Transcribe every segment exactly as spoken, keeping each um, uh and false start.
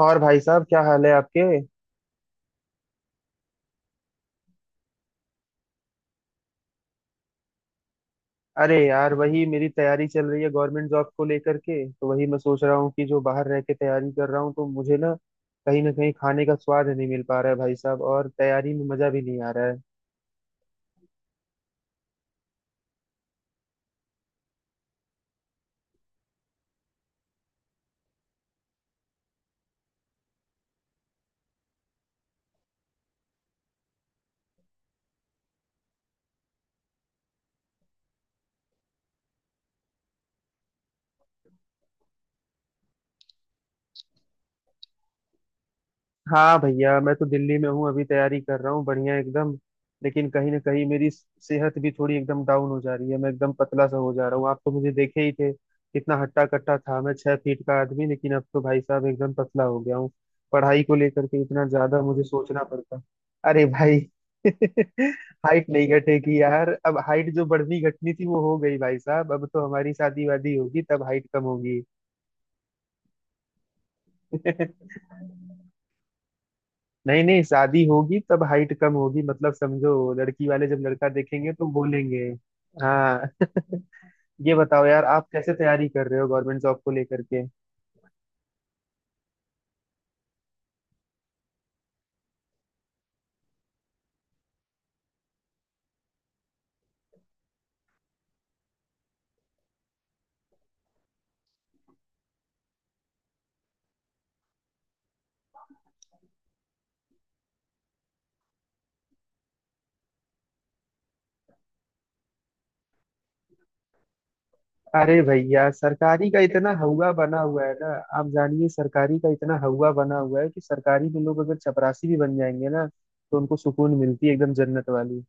और भाई साहब क्या हाल है आपके। अरे यार वही मेरी तैयारी चल रही है गवर्नमेंट जॉब को लेकर के, तो वही मैं सोच रहा हूँ कि जो बाहर रह के तैयारी कर रहा हूँ तो मुझे ना कहीं ना कहीं खाने का स्वाद नहीं मिल पा रहा है भाई साहब, और तैयारी में मजा भी नहीं आ रहा है। हाँ भैया, मैं तो दिल्ली में हूँ, अभी तैयारी कर रहा हूँ, बढ़िया एकदम। लेकिन कहीं ना कहीं मेरी सेहत भी थोड़ी एकदम डाउन हो जा रही है, मैं एकदम पतला सा हो जा रहा हूँ। आप तो मुझे देखे ही थे कितना हट्टा कट्टा था मैं, छह फीट का आदमी, लेकिन अब तो भाई साहब एकदम पतला हो गया हूँ। पढ़ाई को लेकर के इतना ज्यादा मुझे सोचना पड़ता। अरे भाई हाइट नहीं घटेगी यार, अब हाइट जो बढ़नी घटनी थी वो हो गई भाई साहब, अब तो हमारी शादी वादी होगी तब हाइट कम होगी। नहीं नहीं, शादी होगी तब हाइट कम होगी मतलब, समझो लड़की वाले जब लड़का देखेंगे तो बोलेंगे। हाँ। ये बताओ यार, आप कैसे तैयारी कर रहे हो गवर्नमेंट जॉब को लेकर के। अरे भैया, सरकारी का इतना हवा बना हुआ है ना। आप जानिए सरकारी का इतना हवा बना हुआ है कि सरकारी में लोग अगर चपरासी भी बन जाएंगे ना, तो उनको सुकून मिलती है एकदम जन्नत वाली।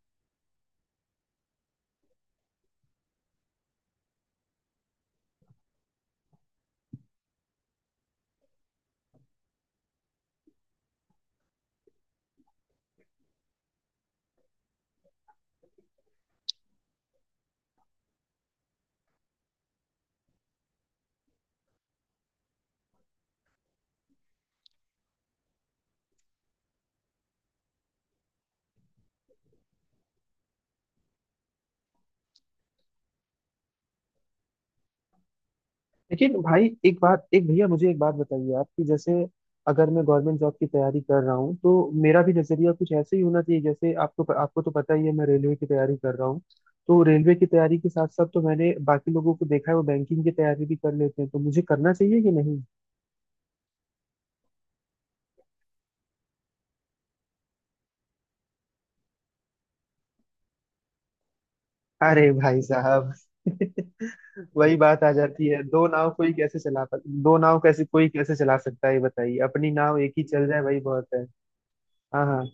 लेकिन भाई एक बात एक भैया मुझे एक बात बताइए आप, कि जैसे अगर मैं गवर्नमेंट जॉब की तैयारी कर रहा हूँ, तो मेरा भी नजरिया कुछ ऐसे ही होना चाहिए जैसे आपको, आपको तो पता ही है मैं रेलवे की तैयारी कर रहा हूँ, तो रेलवे की तैयारी के साथ साथ, तो मैंने बाकी लोगों को देखा है वो बैंकिंग की तैयारी भी कर लेते हैं, तो मुझे करना चाहिए कि नहीं। अरे भाई साहब वही बात आ जाती है, दो नाव कोई कैसे चला पा दो नाव कैसे कोई कैसे चला सकता है ये बताइए, अपनी नाव एक ही चल जाए वही बहुत है। हाँ हाँ।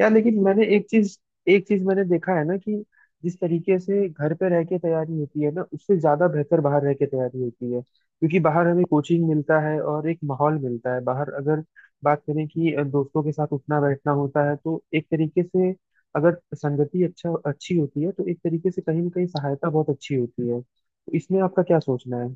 यार लेकिन मैंने एक चीज एक चीज मैंने देखा है ना, कि जिस तरीके से घर पे रह के तैयारी होती है ना, उससे ज्यादा बेहतर बाहर रह के तैयारी होती है, क्योंकि बाहर हमें कोचिंग मिलता है और एक माहौल मिलता है। बाहर अगर बात करें कि दोस्तों के साथ उठना बैठना होता है तो एक तरीके से, अगर संगति अच्छा अच्छी होती है तो एक तरीके से कहीं ना कहीं सहायता बहुत अच्छी होती है, तो इसमें आपका क्या सोचना है।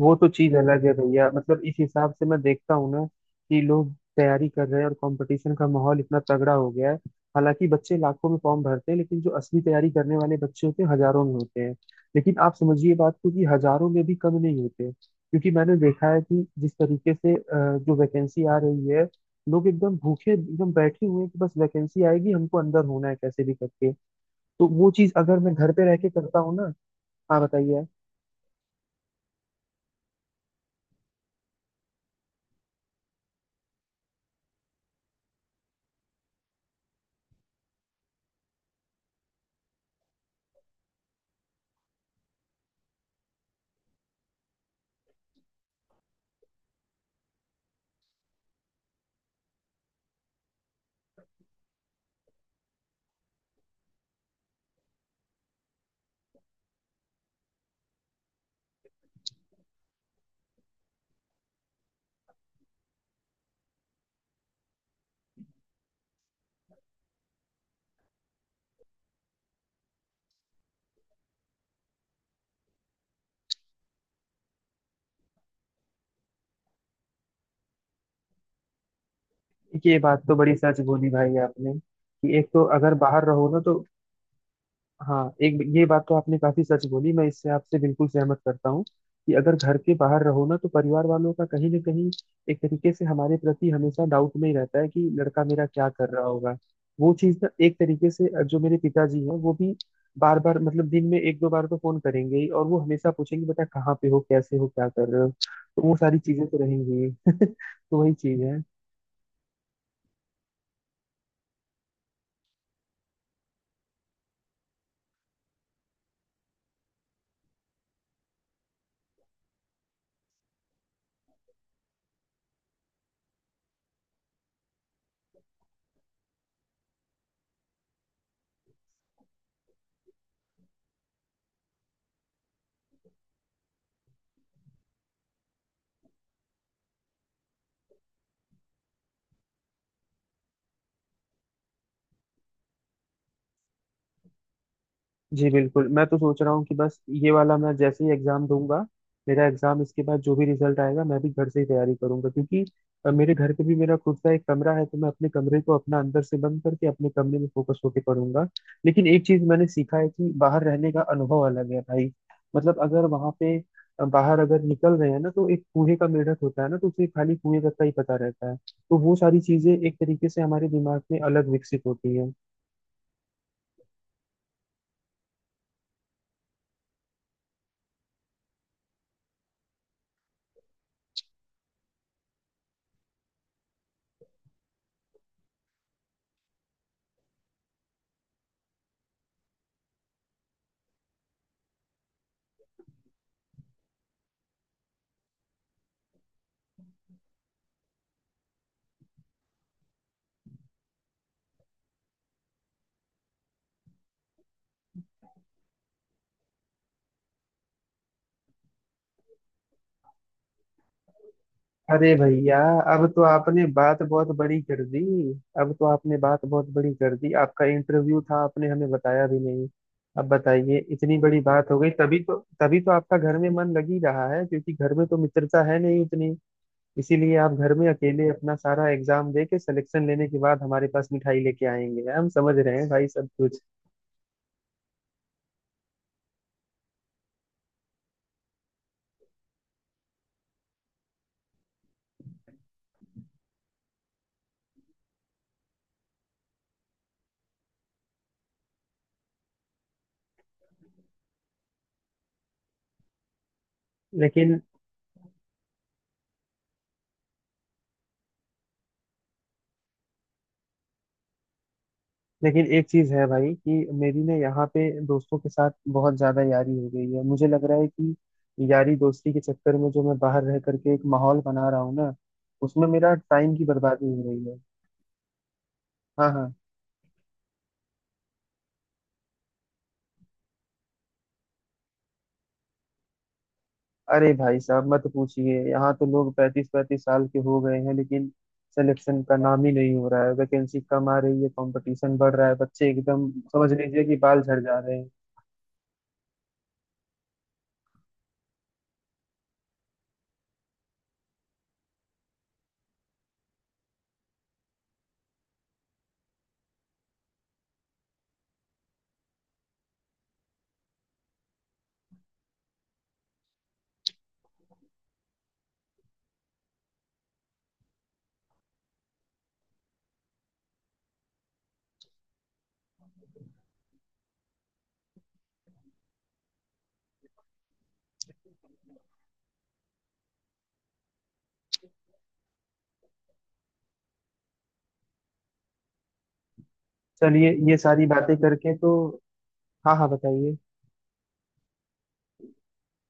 वो तो चीज अलग है भैया, मतलब इस हिसाब से मैं देखता हूँ ना कि लोग तैयारी कर रहे हैं, और कंपटीशन का माहौल इतना तगड़ा हो गया है। हालांकि बच्चे लाखों में फॉर्म भरते हैं, लेकिन जो असली तैयारी करने वाले बच्चे होते हैं हजारों में होते हैं। लेकिन आप समझिए बात को कि हजारों में भी कम नहीं होते, क्योंकि मैंने देखा है कि जिस तरीके से अ, जो वैकेंसी आ रही है, लोग एकदम भूखे एकदम बैठे हुए हैं कि बस वैकेंसी आएगी हमको अंदर होना है कैसे भी करके। तो वो चीज अगर मैं घर पे रह के करता हूँ ना। हाँ बताइए आप। ये बात तो बड़ी सच बोली भाई आपने, कि एक तो अगर बाहर रहो ना तो। हाँ, एक ये बात तो आपने काफी सच बोली, मैं इससे आपसे बिल्कुल सहमत करता हूँ कि अगर घर के बाहर रहो ना तो परिवार वालों का कहीं ना कहीं एक तरीके से हमारे प्रति हमेशा डाउट में ही रहता है कि लड़का मेरा क्या कर रहा होगा। वो चीज ना एक तरीके से, जो मेरे पिताजी हैं वो भी बार बार, मतलब दिन में एक दो बार तो फोन करेंगे ही, और वो हमेशा पूछेंगे बेटा कहाँ पे हो, कैसे हो, क्या कर रहे हो, तो वो सारी चीजें तो रहेंगी ही। तो वही चीज है। जी बिल्कुल, मैं तो सोच रहा हूँ कि बस ये वाला मैं जैसे ही एग्जाम दूंगा, मेरा एग्जाम इसके बाद जो भी रिजल्ट आएगा, मैं भी घर से ही तैयारी करूंगा, क्योंकि अ, मेरे घर पे भी मेरा खुद का एक कमरा है, तो मैं अपने कमरे को अपना अंदर से बंद करके अपने कमरे में फोकस होके पढ़ूंगा। लेकिन एक चीज मैंने सीखा है कि बाहर रहने का अनुभव अलग है भाई। मतलब अगर वहां पे अ, बाहर अगर निकल रहे हैं ना, तो एक कुएं का मेढक होता है ना, तो उसे खाली कुएं तक का ही पता रहता है, तो वो सारी चीजें एक तरीके से हमारे दिमाग में अलग विकसित होती है। अरे भैया, अब तो आपने बात बहुत बड़ी कर दी अब तो आपने बात बहुत बड़ी कर दी, आपका इंटरव्यू था आपने हमें बताया भी नहीं। अब बताइए, इतनी बड़ी बात हो गई, तभी तो तभी तो आपका घर में मन लग ही रहा है, क्योंकि घर में तो मित्रता है नहीं उतनी। इसीलिए आप घर में अकेले अपना सारा एग्जाम दे के सिलेक्शन लेने के बाद हमारे पास मिठाई लेके आएंगे, हम समझ रहे हैं भाई सब कुछ। लेकिन लेकिन एक चीज है भाई कि मेरी ना यहाँ पे दोस्तों के साथ बहुत ज्यादा यारी हो गई है, मुझे लग रहा है कि यारी दोस्ती के चक्कर में जो मैं बाहर रह करके एक माहौल बना रहा हूँ ना, उसमें मेरा टाइम की बर्बादी हो रही है। हाँ हाँ। अरे भाई साहब मत पूछिए, यहाँ तो लोग पैंतीस पैंतीस साल के हो गए हैं, लेकिन सिलेक्शन का नाम ही नहीं हो रहा है, वैकेंसी कम आ रही है, कंपटीशन बढ़ रहा है, बच्चे एकदम समझ लीजिए कि बाल झड़ जा रहे हैं। चलिए, ये सारी बातें करके तो। हाँ हाँ बताइए।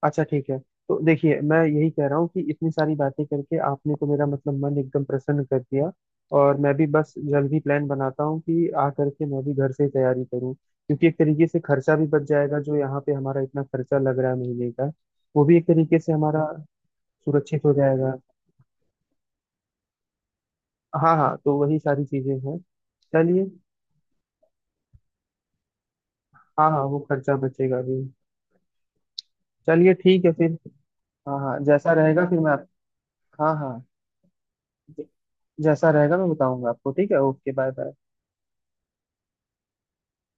अच्छा ठीक है, तो देखिए मैं यही कह रहा हूँ कि इतनी सारी बातें करके आपने तो मेरा मतलब मन एकदम प्रसन्न कर दिया, और मैं भी बस जल्द ही प्लान बनाता हूँ कि आ करके मैं भी घर से ही तैयारी करूँ, क्योंकि एक तरीके से खर्चा भी बच जाएगा, जो यहाँ पे हमारा इतना खर्चा लग रहा है महीने का, वो भी एक तरीके से हमारा सुरक्षित हो जाएगा। हाँ हाँ, तो वही सारी चीजें हैं। चलिए। हाँ हाँ, वो खर्चा बचेगा भी। चलिए ठीक है फिर। हाँ हाँ, जैसा रहेगा फिर मैं आप। हाँ हाँ, जैसा रहेगा मैं बताऊंगा आपको, ठीक है, ओके बाय बाय।